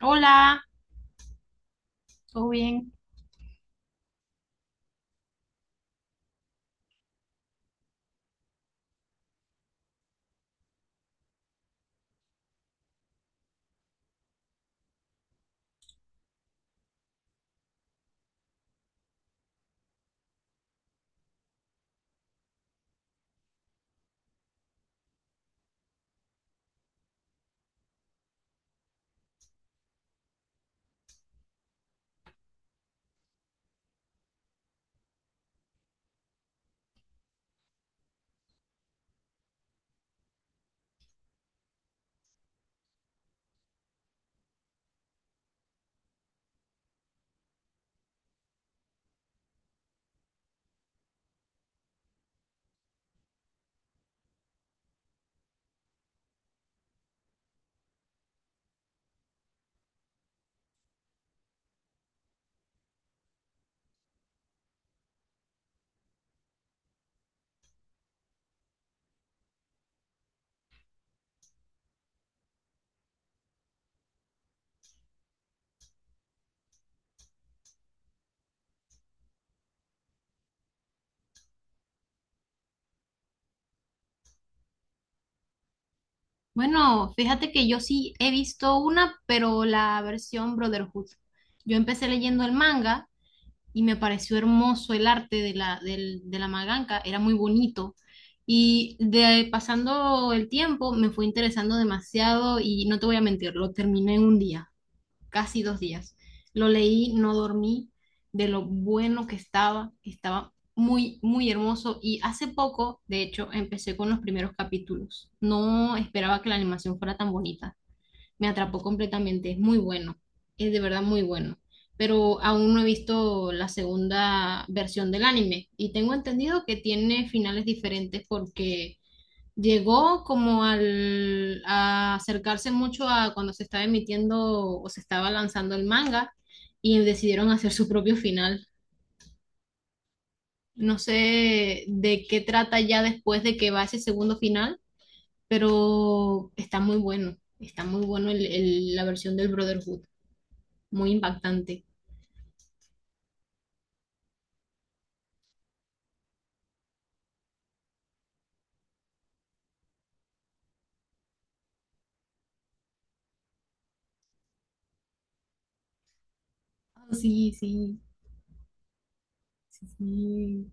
Hola, ¿todo bien? Bueno, fíjate que yo sí he visto una, pero la versión Brotherhood. Yo empecé leyendo el manga y me pareció hermoso el arte de de la mangaka, era muy bonito. Y de pasando el tiempo me fue interesando demasiado y no te voy a mentir, lo terminé en un día. Casi dos días. Lo leí, no dormí, de lo bueno que estaba, estaba muy hermoso y hace poco, de hecho, empecé con los primeros capítulos. No esperaba que la animación fuera tan bonita. Me atrapó completamente, es muy bueno, es de verdad muy bueno. Pero aún no he visto la segunda versión del anime y tengo entendido que tiene finales diferentes porque llegó como a acercarse mucho a cuando se estaba emitiendo o se estaba lanzando el manga y decidieron hacer su propio final. No sé de qué trata ya después de que va ese segundo final, pero está muy bueno. Está muy bueno la versión del Brotherhood, muy impactante. Ah, sí, sí, sí, sí.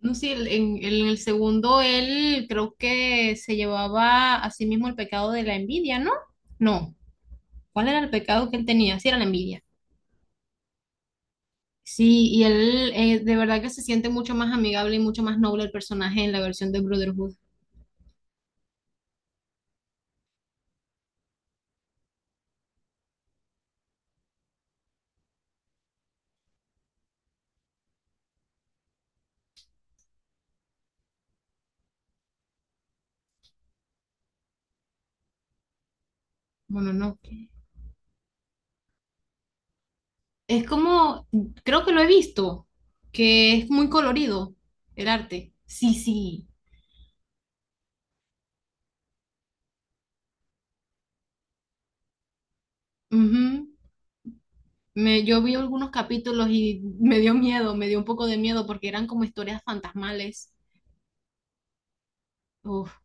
No sé, en el segundo él creo que se llevaba a sí mismo el pecado de la envidia, ¿no? No. ¿Cuál era el pecado que él tenía? Sí, era la envidia. Sí, y él de verdad que se siente mucho más amigable y mucho más noble el personaje en la versión de Brotherhood. Bueno, no. Es como, creo que lo he visto, que es muy colorido el arte. Sí, sí. Ujú. Yo vi algunos capítulos y me dio miedo, me dio un poco de miedo porque eran como historias fantasmales. Uf,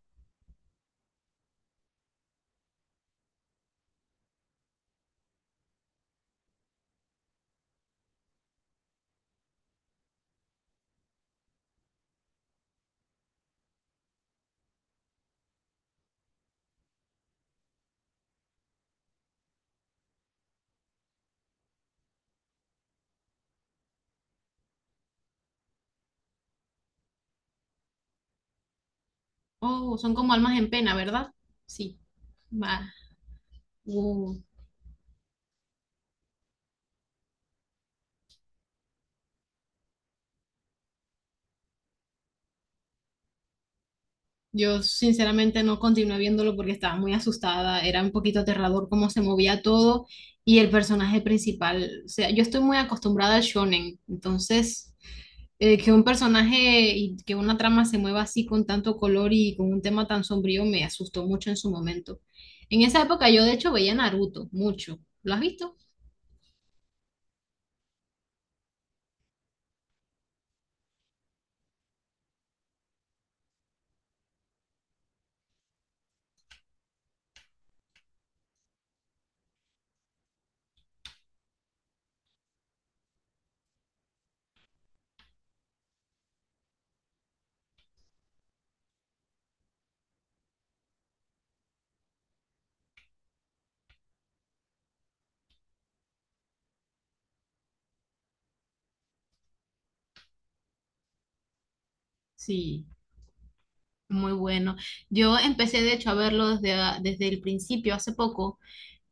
oh, son como almas en pena, ¿verdad? Sí. Va. Uh. Yo sinceramente no continué viéndolo porque estaba muy asustada, era un poquito aterrador cómo se movía todo y el personaje principal, o sea, yo estoy muy acostumbrada al shonen, entonces que un personaje y que una trama se mueva así con tanto color y con un tema tan sombrío me asustó mucho en su momento. En esa época yo de hecho veía Naruto mucho, ¿lo has visto? Sí, muy bueno. Yo empecé de hecho a verlo desde el principio, hace poco.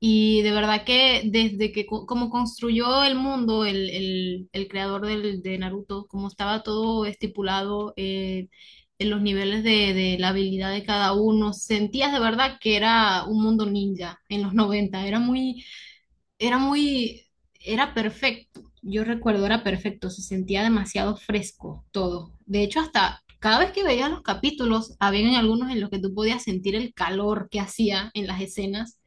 Y de verdad que desde que como construyó el mundo, el creador de Naruto, como estaba todo estipulado en los niveles de la habilidad de cada uno, sentías de verdad que era un mundo ninja en los noventa. Era muy, era perfecto. Yo recuerdo, era perfecto. Se sentía demasiado fresco todo. De hecho, hasta cada vez que veías los capítulos, habían algunos en los que tú podías sentir el calor que hacía en las escenas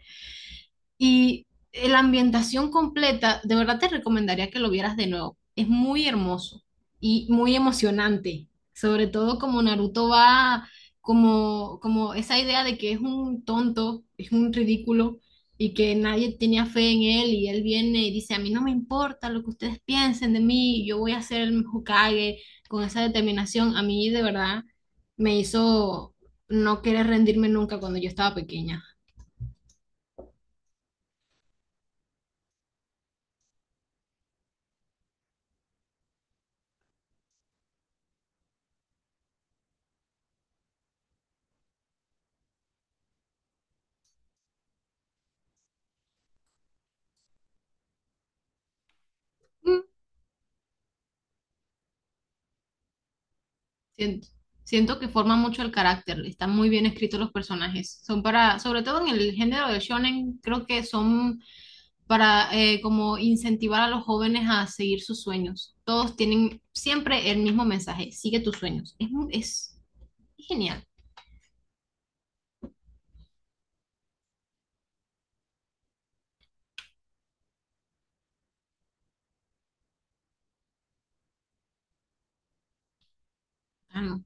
y la ambientación completa, de verdad te recomendaría que lo vieras de nuevo. Es muy hermoso y muy emocionante, sobre todo como Naruto va, como esa idea de que es un tonto, es un ridículo y que nadie tenía fe en él y él viene y dice, a mí no me importa lo que ustedes piensen de mí, yo voy a ser el Hokage con esa determinación. A mí de verdad me hizo no querer rendirme nunca cuando yo estaba pequeña. Siento, Siento que forma mucho el carácter, están muy bien escritos los personajes. Son para, sobre todo en el género del shonen, creo que son para como incentivar a los jóvenes a seguir sus sueños. Todos tienen siempre el mismo mensaje, sigue tus sueños. Es, es genial. Ah, no.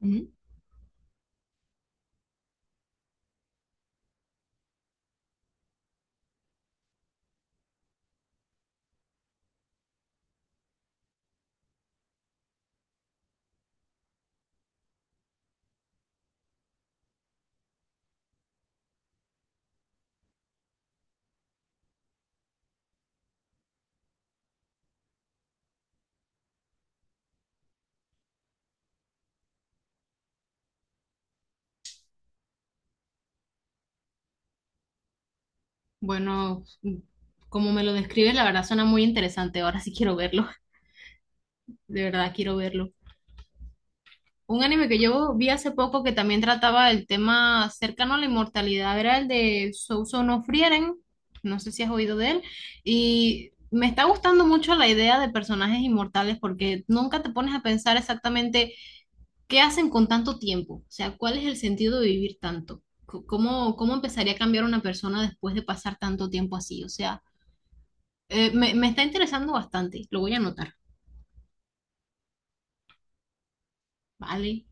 Ujú. Bueno, como me lo describes, la verdad suena muy interesante. Ahora sí quiero verlo. De verdad quiero verlo. Un anime que yo vi hace poco que también trataba el tema cercano a la inmortalidad era el de Souso no Frieren, no sé si has oído de él, y me está gustando mucho la idea de personajes inmortales porque nunca te pones a pensar exactamente qué hacen con tanto tiempo, o sea, cuál es el sentido de vivir tanto, cómo empezaría a cambiar una persona después de pasar tanto tiempo así, o sea, me está interesando bastante, lo voy a anotar, ¿vale?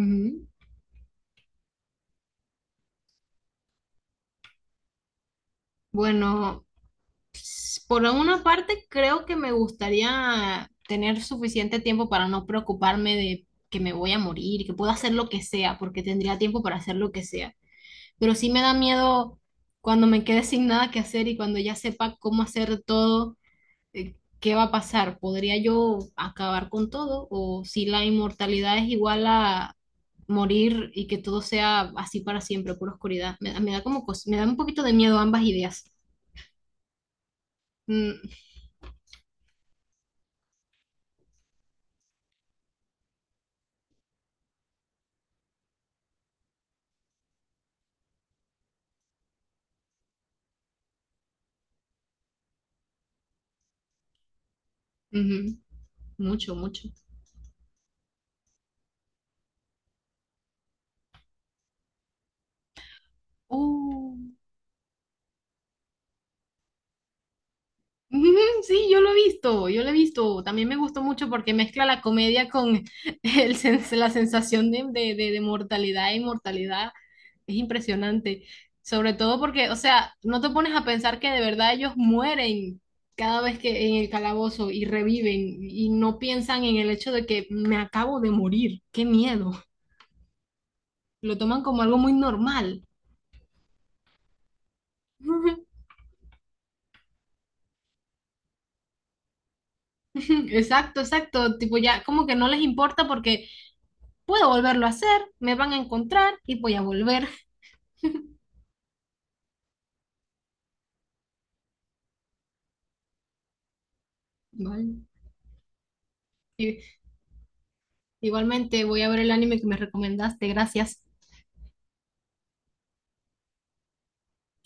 Ujú. Bueno, por una parte, creo que me gustaría tener suficiente tiempo para no preocuparme de que me voy a morir, que puedo hacer lo que sea, porque tendría tiempo para hacer lo que sea. Pero sí me da miedo cuando me quede sin nada que hacer y cuando ya sepa cómo hacer todo, qué va a pasar. ¿Podría yo acabar con todo? ¿O si la inmortalidad es igual a morir y que todo sea así para siempre, pura oscuridad? Me da como me da un poquito de miedo ambas ideas. Mm, ujú. Mucho, mucho. Oh. Ujú, sí, yo lo he visto, yo lo he visto. También me gustó mucho porque mezcla la comedia con la sensación de mortalidad e inmortalidad. Es impresionante. Sobre todo porque, o sea, no te pones a pensar que de verdad ellos mueren cada vez que en el calabozo y reviven y no piensan en el hecho de que me acabo de morir. Qué miedo. Lo toman como algo muy normal. Exacto, exacto. Tipo, ya como que no les importa porque puedo volverlo a hacer, me van a encontrar y voy a volver. Vale. Y- igualmente voy a ver el anime que me recomendaste, gracias.